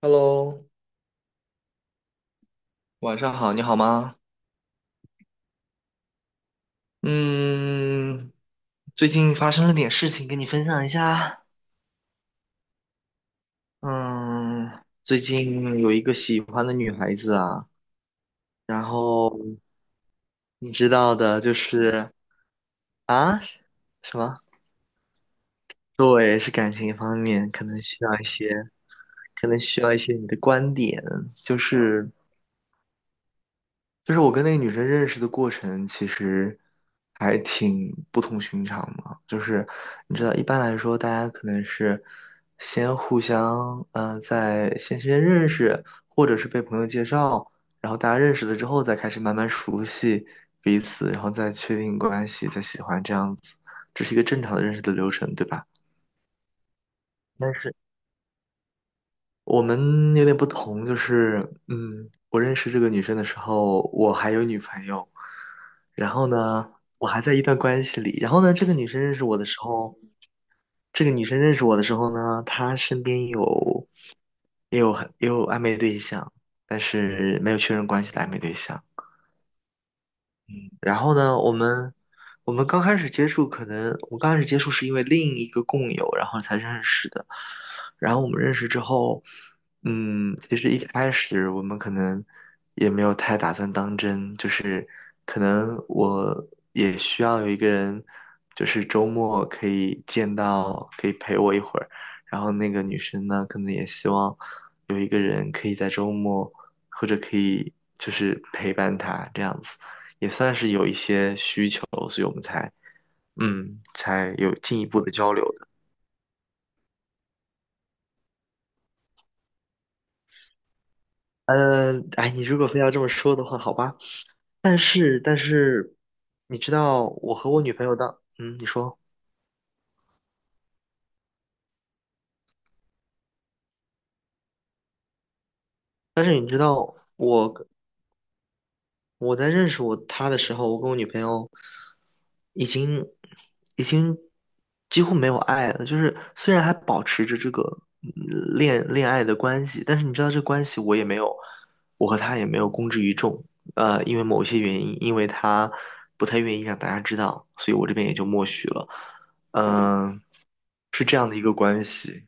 Hello，晚上好，你好吗？嗯，最近发生了点事情，跟你分享一下。嗯，最近有一个喜欢的女孩子啊，然后你知道的，就是啊，什么？对，是感情方面，可能需要一些你的观点，就是。就是我跟那个女生认识的过程，其实还挺不同寻常的。就是你知道，一般来说，大家可能是先互相，在先认识，或者是被朋友介绍，然后大家认识了之后，再开始慢慢熟悉彼此，然后再确定关系，再喜欢这样子，这是一个正常的认识的流程，对吧？但是。我们有点不同，就是，我认识这个女生的时候，我还有女朋友，然后呢，我还在一段关系里，然后呢，这个女生认识我的时候，这个女生认识我的时候呢，她身边有也有暧昧对象，但是没有确认关系的暧昧对象，然后呢，我们刚开始接触，可能我们刚开始接触是因为另一个共友，然后才认识的。然后我们认识之后，其实一开始我们可能也没有太打算当真，就是可能我也需要有一个人，就是周末可以见到，可以陪我一会儿。然后那个女生呢，可能也希望有一个人可以在周末，或者可以就是陪伴她这样子。也算是有一些需求，嗯，才有进一步的交流的。哎，你如果非要这么说的话，好吧。但是，你知道，我和我女朋友的，你说。我在认识我他的时候，我跟我女朋友已经已经几乎没有爱了。就是虽然还保持着这个嗯恋爱的关系，但是你知道这关系我也没有，我和他也没有公之于众。因为某些原因，因为他不太愿意让大家知道，所以我这边也就默许了。嗯、是这样的一个关系。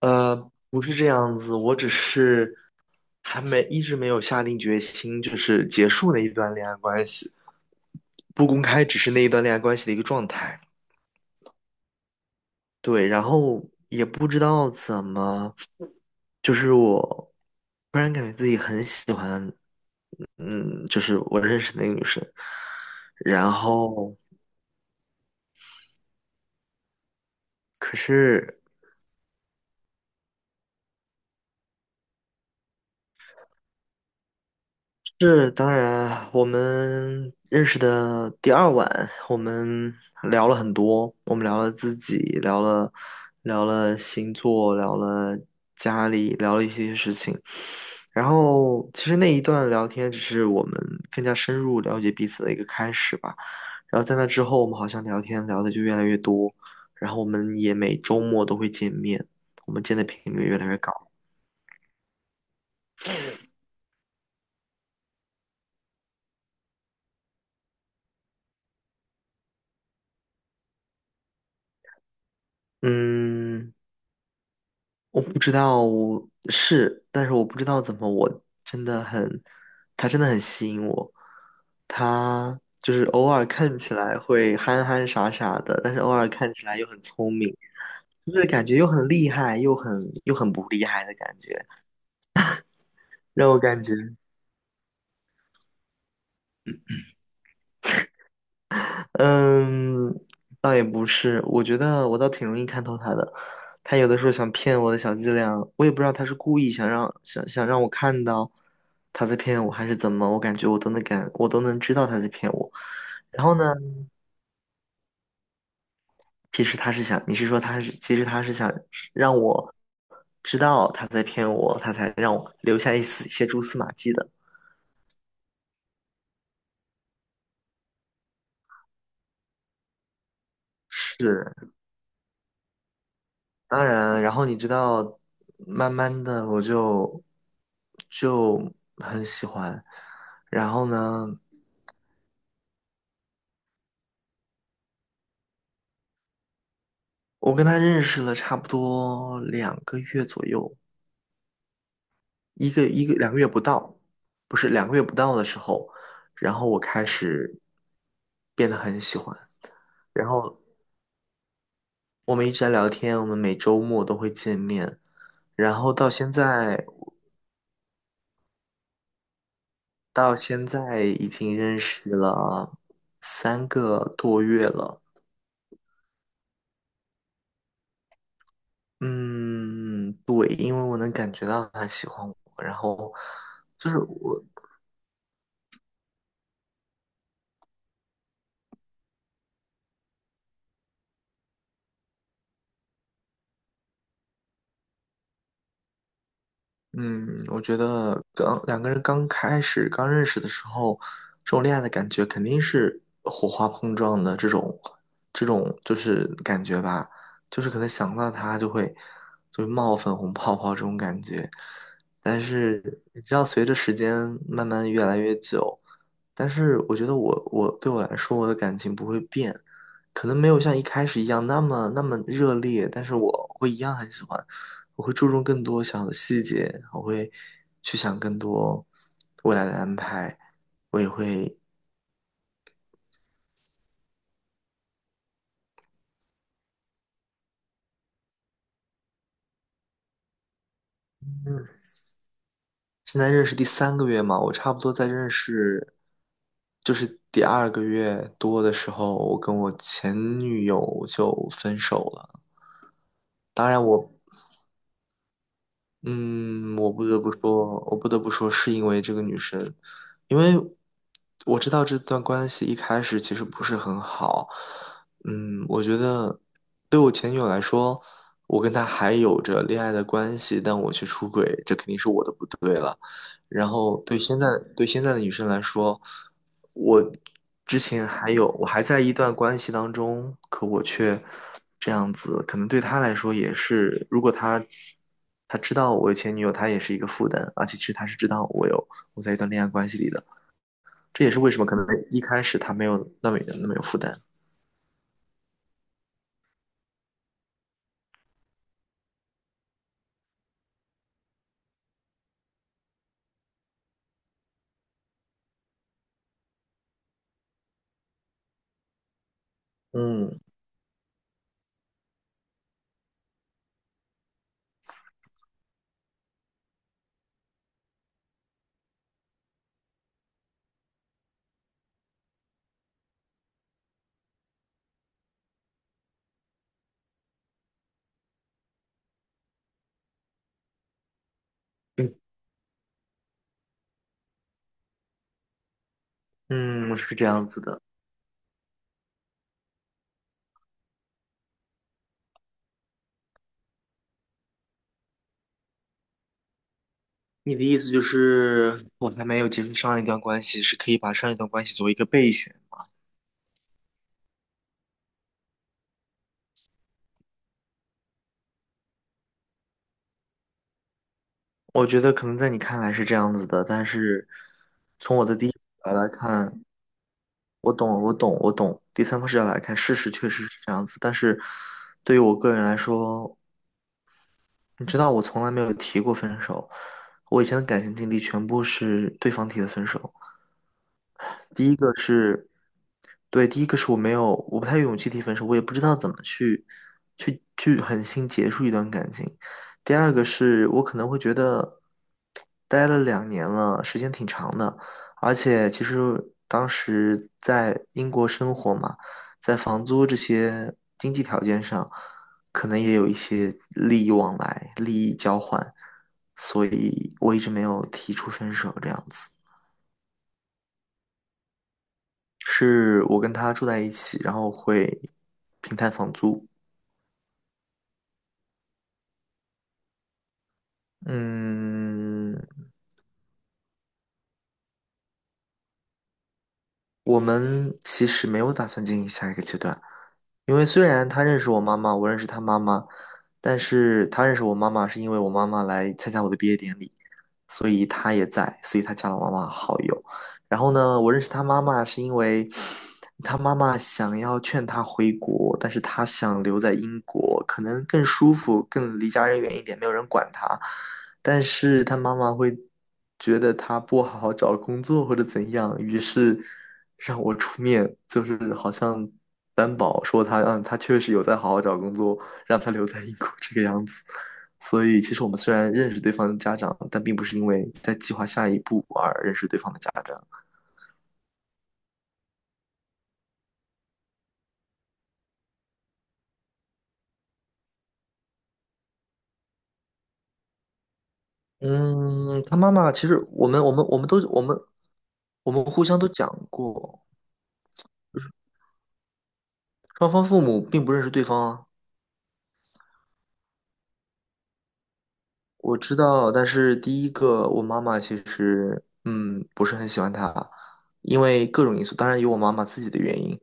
不是这样子，我只是。还没一直没有下定决心，就是结束那一段恋爱关系，不公开只是那一段恋爱关系的一个状态。对，然后也不知道怎么，就是我突然感觉自己很喜欢，就是我认识的那个女生，然后可是。是，当然，我们认识的第二晚，我们聊了很多，我们聊了自己，聊了星座，聊了家里，聊了一些事情。然后，其实那一段聊天只是我们更加深入了解彼此的一个开始吧。然后在那之后，我们好像聊天聊的就越来越多，然后我们也每周末都会见面，我们见的频率越来越高。嗯。我不知道是，但是我不知道怎么，我真的很，他真的很吸引我。他就是偶尔看起来会憨憨傻傻的，但是偶尔看起来又很聪明，就是感觉又很厉害，又很不厉害的感觉，让我感觉。嗯，倒也不是，我觉得我倒挺容易看透他的。他有的时候想骗我的小伎俩，我也不知道他是故意想让我看到他在骗我，还是怎么。我感觉我都能知道他在骗我。然后呢，其实他是想让我知道他在骗我，他才让我留下一些蛛丝马迹的。是，当然，然后你知道，慢慢的我就很喜欢。然后呢，我跟他认识了差不多两个月左右，一个一个两个月不到，不是两个月不到的时候，然后我开始变得很喜欢。然后我们一直在聊天，我们每周末都会见面。然后到现在，已经认识了3个多月了。嗯，对，因为我能感觉到他喜欢我，然后就是我，嗯，我觉得两个人刚开始刚认识的时候，这种恋爱的感觉肯定是火花碰撞的这种，这种就是感觉吧，就是可能想到他就会冒粉红泡泡这种感觉。但是你知道，随着时间慢慢越来越久，但是我觉得我对我来说，我的感情不会变，可能没有像一开始一样那么那么热烈，但是我会一样很喜欢。我会注重更多小的细节，我会去想更多未来的安排，我也会，嗯，现在认识第三个月嘛，我差不多在认识，就是第二个月多的时候，我跟我前女友就分手了。当然，我不得不说，是因为这个女生，因为我知道这段关系一开始其实不是很好。我觉得对我前女友来说，我跟她还有着恋爱的关系，但我却出轨，这肯定是我的不对。然后对现在的女生来说，我之前还有我还在一段关系当中，可我却这样子，可能对她来说也是，如果她知道我有前女友，她也是一个负担，而且其实她是知道我在一段恋爱关系里的，这也是为什么可能一开始她没有那么那么有负担。嗯嗯嗯，是这样子的。你的意思就是，我还没有结束上一段关系，是可以把上一段关系作为一个备选。我觉得可能在你看来是这样子的，但是从我的第一视角来看，我懂，我懂，我懂。第三方视角来看，事实确实是这样子，但是对于我个人来说，你知道，我从来没有提过分手，我以前的感情经历全部是对方提的分手。第一个是，对，第一个是我不太有勇气提分手，我也不知道怎么去狠心结束一段感情。第二个是我可能会觉得，待了2年了，时间挺长的，而且其实当时在英国生活嘛，在房租这些经济条件上，可能也有一些利益往来、利益交换，所以我一直没有提出分手这样子。是我跟他住在一起，然后会平摊房租。嗯，我们其实没有打算进行下一个阶段，因为虽然他认识我妈妈，我认识他妈妈，但是他认识我妈妈是因为我妈妈来参加我的毕业典礼，所以他也在，所以他加了我妈妈好友。然后呢，我认识他妈妈是因为他妈妈想要劝他回国，但是他想留在英国，可能更舒服，更离家人远一点，没有人管他。但是他妈妈会觉得他不好好找工作或者怎样，于是。让我出面，就是好像担保说他，他确实有在好好找工作，让他留在英国这个样子。所以，其实我们虽然认识对方的家长，但并不是因为在计划下一步而认识对方的家长。嗯，他妈妈其实我们互相都讲过，双方父母并不认识对方啊。我知道，但是第一个，我妈妈其实不是很喜欢他，因为各种因素，当然有我妈妈自己的原因。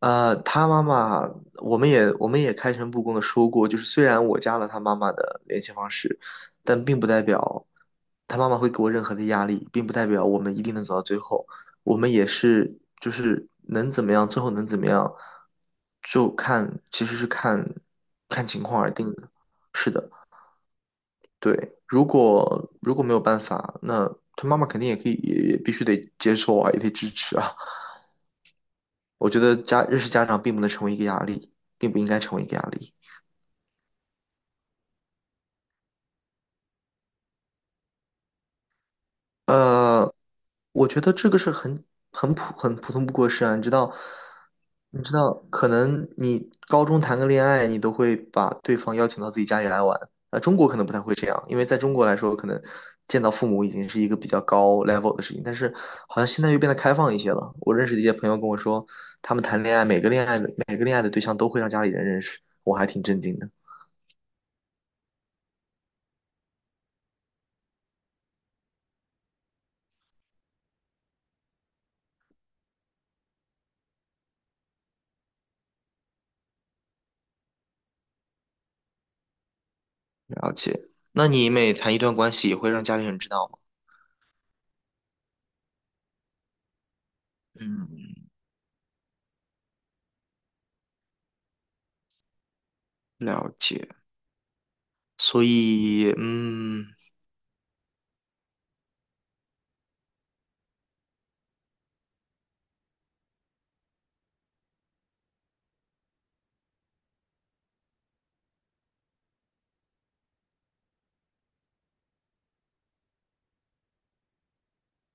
他妈妈，我们也开诚布公的说过，就是虽然我加了他妈妈的联系方式，但并不代表他妈妈会给我任何的压力，并不代表我们一定能走到最后。我们也是就是能怎么样，最后能怎么样，就看其实是看情况而定的。是的。对，如果没有办法，那他妈妈肯定也可以，也必须得接受啊，也得支持啊。我觉得认识家长并不能成为一个压力，并不应该成为一个压力。呃，我觉得这个是很普通不过事啊，你知道，可能你高中谈个恋爱，你都会把对方邀请到自己家里来玩。中国可能不太会这样，因为在中国来说，可能见到父母已经是一个比较高 level 的事情，但是好像现在又变得开放一些了。我认识的一些朋友跟我说，他们谈恋爱，每个恋爱的对象都会让家里人认识，我还挺震惊的。了解，那你每谈一段关系，也会让家里人知道吗？嗯，了解。所以，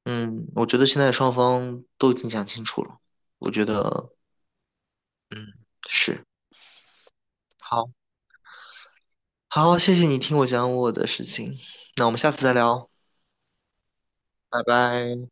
嗯，我觉得现在双方都已经讲清楚了。我觉得，嗯，是，好，好，谢谢你听我讲我的事情，那我们下次再聊，拜拜。